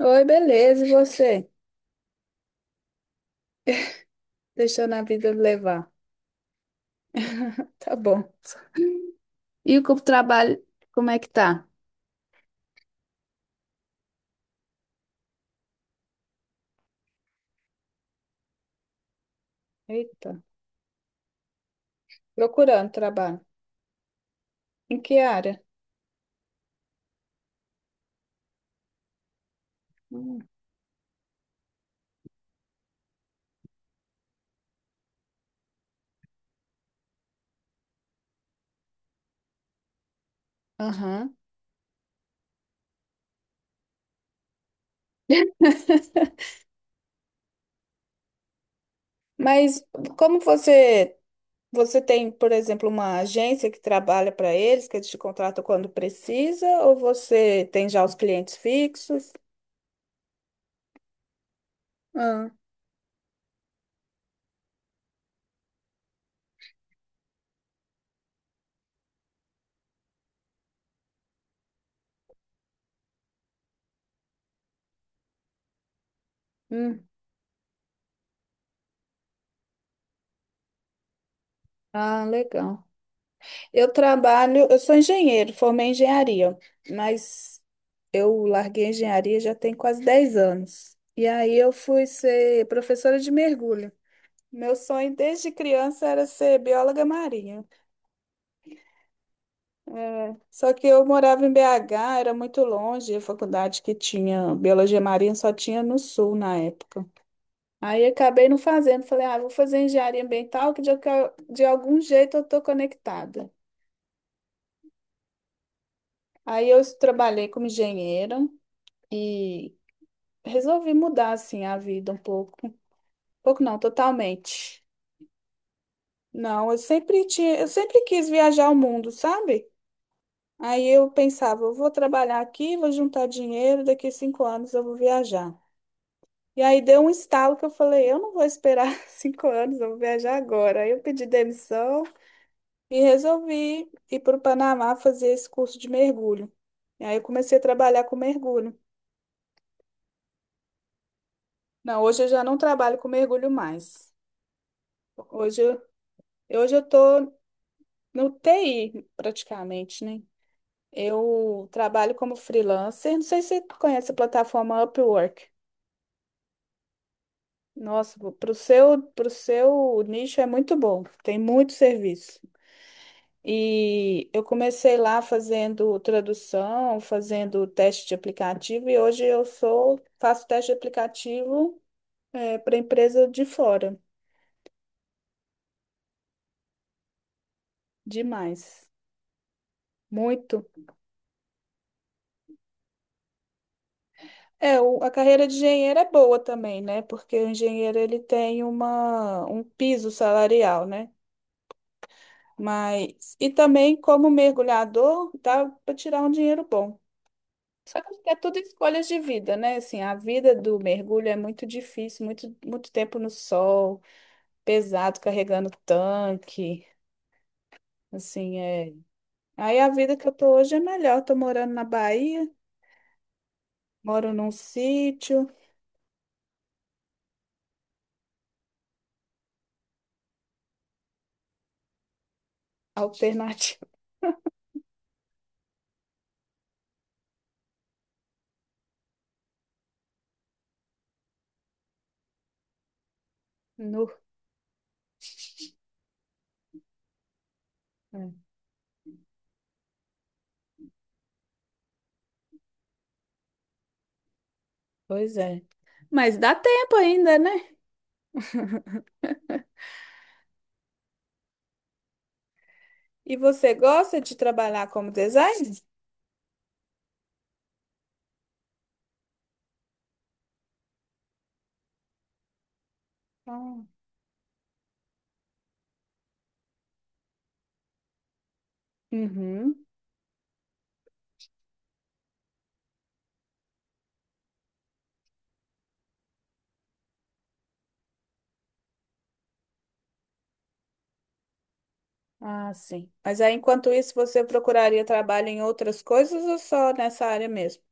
Oi, beleza, e você? Deixando a vida levar. Tá bom. E o trabalho, como é que tá? Eita, procurando trabalho. Em que área? Hum. Aham. Mas como você tem, por exemplo, uma agência que trabalha para eles, que eles te contratam quando precisa, ou você tem já os clientes fixos? Ah, hum. Ah, legal. Eu trabalho, eu sou engenheiro, formei em engenharia, mas eu larguei a engenharia já tem quase 10 anos. E aí eu fui ser professora de mergulho. Meu sonho desde criança era ser bióloga marinha. É, só que eu morava em BH, era muito longe, a faculdade que tinha biologia marinha só tinha no sul na época. Aí acabei não fazendo, falei, ah, vou fazer engenharia ambiental, que de algum jeito eu tô conectada. Aí eu trabalhei como engenheira e resolvi mudar assim a vida um pouco. Um pouco não, totalmente. Não, eu sempre quis viajar ao mundo, sabe? Aí eu pensava, eu vou trabalhar aqui, vou juntar dinheiro, daqui a 5 anos eu vou viajar. E aí deu um estalo que eu falei, eu não vou esperar 5 anos, eu vou viajar agora. Aí eu pedi demissão e resolvi ir para o Panamá fazer esse curso de mergulho. E aí eu comecei a trabalhar com mergulho. Não, hoje eu já não trabalho com mergulho mais. Hoje eu, hoje eu tô no TI praticamente, né? Eu trabalho como freelancer. Não sei se tu conhece a plataforma Upwork. Nossa, para o seu nicho é muito bom. Tem muito serviço. E eu comecei lá fazendo tradução, fazendo teste de aplicativo e hoje eu sou faço teste de aplicativo para empresa de fora. Demais. Muito. É, a carreira de engenheiro é boa também, né? Porque o engenheiro ele tem uma, um piso salarial, né? Mas, e também como mergulhador, dá para tirar um dinheiro bom. Só que é tudo escolhas de vida, né? Assim, a vida do mergulho é muito difícil, muito, muito tempo no sol, pesado, carregando tanque, assim, é. Aí a vida que eu tô hoje é melhor, tô morando na Bahia, moro num sítio alternativo. Nu. É. Pois é. Mas dá tempo ainda, né? E você gosta de trabalhar como designer? Ah. Uhum. Ah, sim. Mas aí, enquanto isso, você procuraria trabalho em outras coisas ou só nessa área mesmo?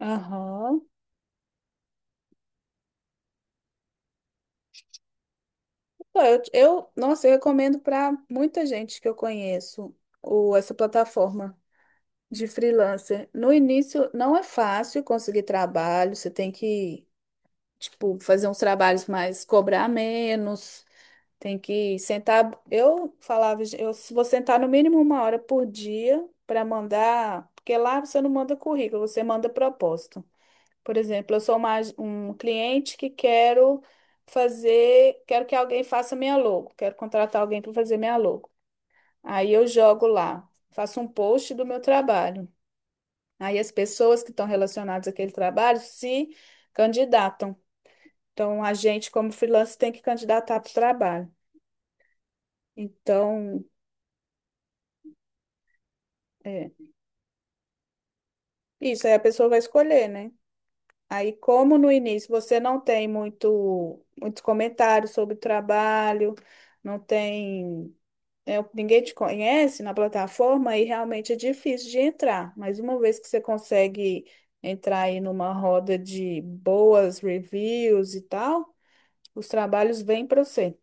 Aham. Pô, nossa, eu recomendo para muita gente que eu conheço essa plataforma de freelancer. No início, não é fácil conseguir trabalho, você tem que, tipo, fazer uns trabalhos mais, cobrar menos, tem que sentar. Eu falava, eu vou sentar no mínimo uma hora por dia para mandar, porque lá você não manda currículo, você manda proposta. Por exemplo, eu sou um cliente que quero fazer, quero que alguém faça minha logo, quero contratar alguém para fazer minha logo. Aí eu jogo lá, faço um post do meu trabalho. Aí as pessoas que estão relacionadas àquele trabalho se candidatam. Então, a gente, como freelancer, tem que candidatar para o trabalho. Então, é isso, aí a pessoa vai escolher, né? Aí, como no início você não tem muito, muitos comentários sobre o trabalho, não tem. É, ninguém te conhece na plataforma, aí realmente é difícil de entrar. Mas uma vez que você consegue entrar aí numa roda de boas reviews e tal, os trabalhos vêm para você.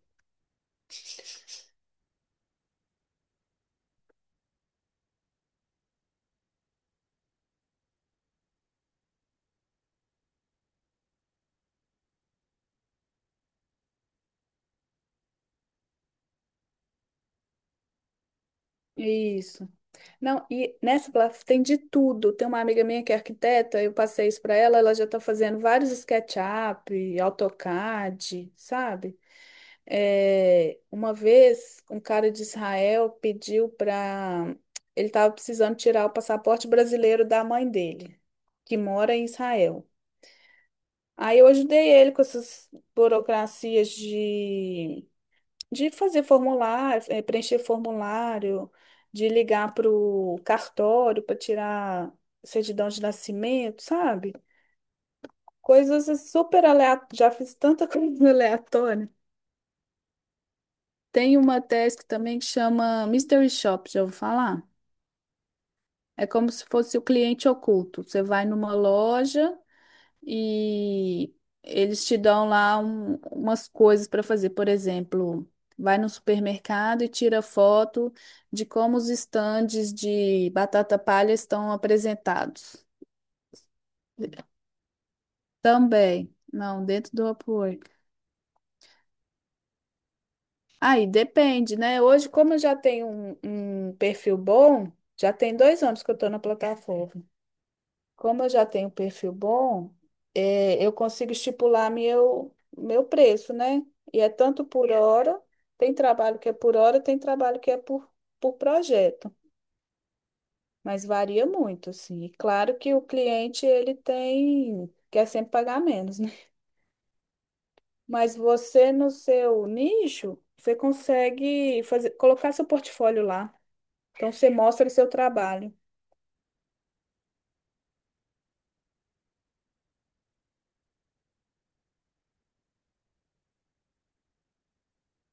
Isso. Não, e nessa plataforma tem de tudo. Tem uma amiga minha que é arquiteta, eu passei isso para ela, ela já está fazendo vários SketchUp, AutoCAD, sabe? É, uma vez, um cara de Israel pediu para. Ele estava precisando tirar o passaporte brasileiro da mãe dele, que mora em Israel. Aí eu ajudei ele com essas burocracias de fazer formulário, preencher formulário, de ligar para o cartório para tirar certidão de nascimento, sabe? Coisas super aleatórias. Já fiz tanta coisa aleatória. Tem uma task também que chama Mystery Shop, já ouviu falar? É como se fosse o cliente oculto. Você vai numa loja e eles te dão lá umas coisas para fazer. Por exemplo, vai no supermercado e tira foto de como os estandes de batata palha estão apresentados. Também. Não, dentro do Upwork. Aí depende, né? Hoje, como eu já tenho um, um perfil bom, já tem 2 anos que eu estou na plataforma. Como eu já tenho perfil bom, eu consigo estipular meu preço, né? E é tanto por hora, tem trabalho que é por hora, tem trabalho que é por projeto, mas varia muito, assim. E claro que o cliente, ele tem, quer sempre pagar menos, né? Mas você, no seu nicho, você consegue fazer, colocar seu portfólio lá. Então, você mostra o seu trabalho.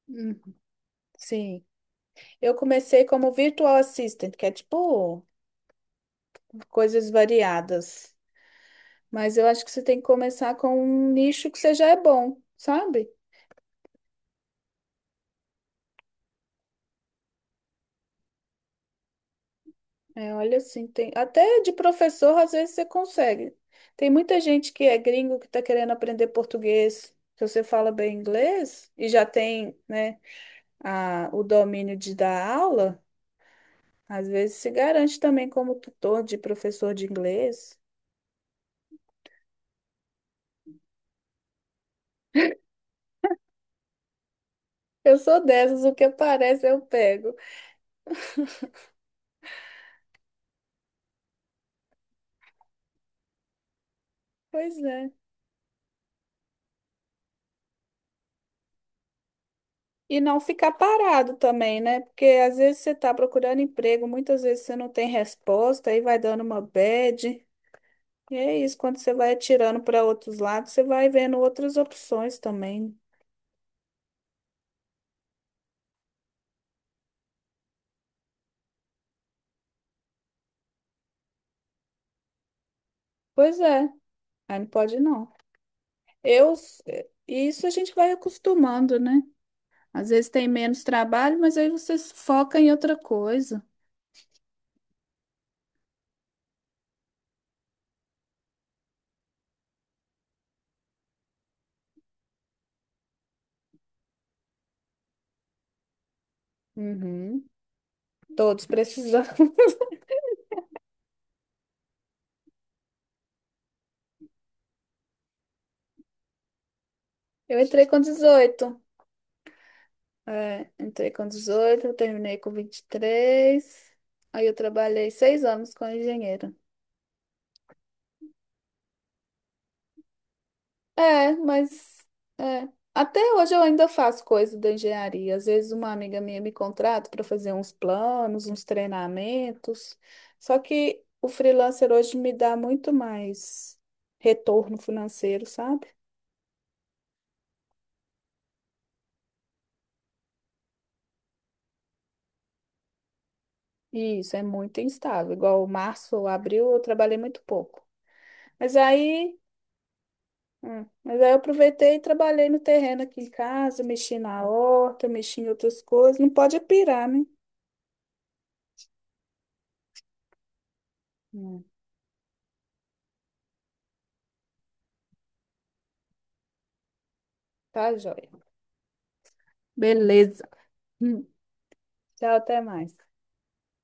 Hum, sim. Eu comecei como virtual assistant, que é tipo coisas variadas. Mas eu acho que você tem que começar com um nicho que você já é bom, sabe? É, olha assim, tem até de professor às vezes você consegue. Tem muita gente que é gringo que está querendo aprender português. Se você fala bem inglês e já tem, né, o domínio de dar aula, às vezes se garante também como tutor de professor de inglês. Eu sou dessas, o que aparece eu pego. Pois é. E não ficar parado também, né? Porque às vezes você está procurando emprego, muitas vezes você não tem resposta, aí vai dando uma bad. E é isso, quando você vai atirando para outros lados, você vai vendo outras opções também. Pois é, aí não pode não. Eu, isso a gente vai acostumando, né? Às vezes tem menos trabalho, mas aí você se foca em outra coisa. Uhum. Todos precisam. Eu entrei com 18. É, entrei com 18, terminei com 23. Aí eu trabalhei 6 anos como engenheira. É, mas é, até hoje eu ainda faço coisa da engenharia. Às vezes uma amiga minha me contrata para fazer uns planos, uns treinamentos. Só que o freelancer hoje me dá muito mais retorno financeiro, sabe? E isso é muito instável. Igual março ou abril eu trabalhei muito pouco. Mas aí É, mas aí eu aproveitei e trabalhei no terreno aqui em casa, mexi na horta, mexi em outras coisas. Não pode pirar, né? Hum. Tá, joia. Beleza. Hum. Tchau, até mais.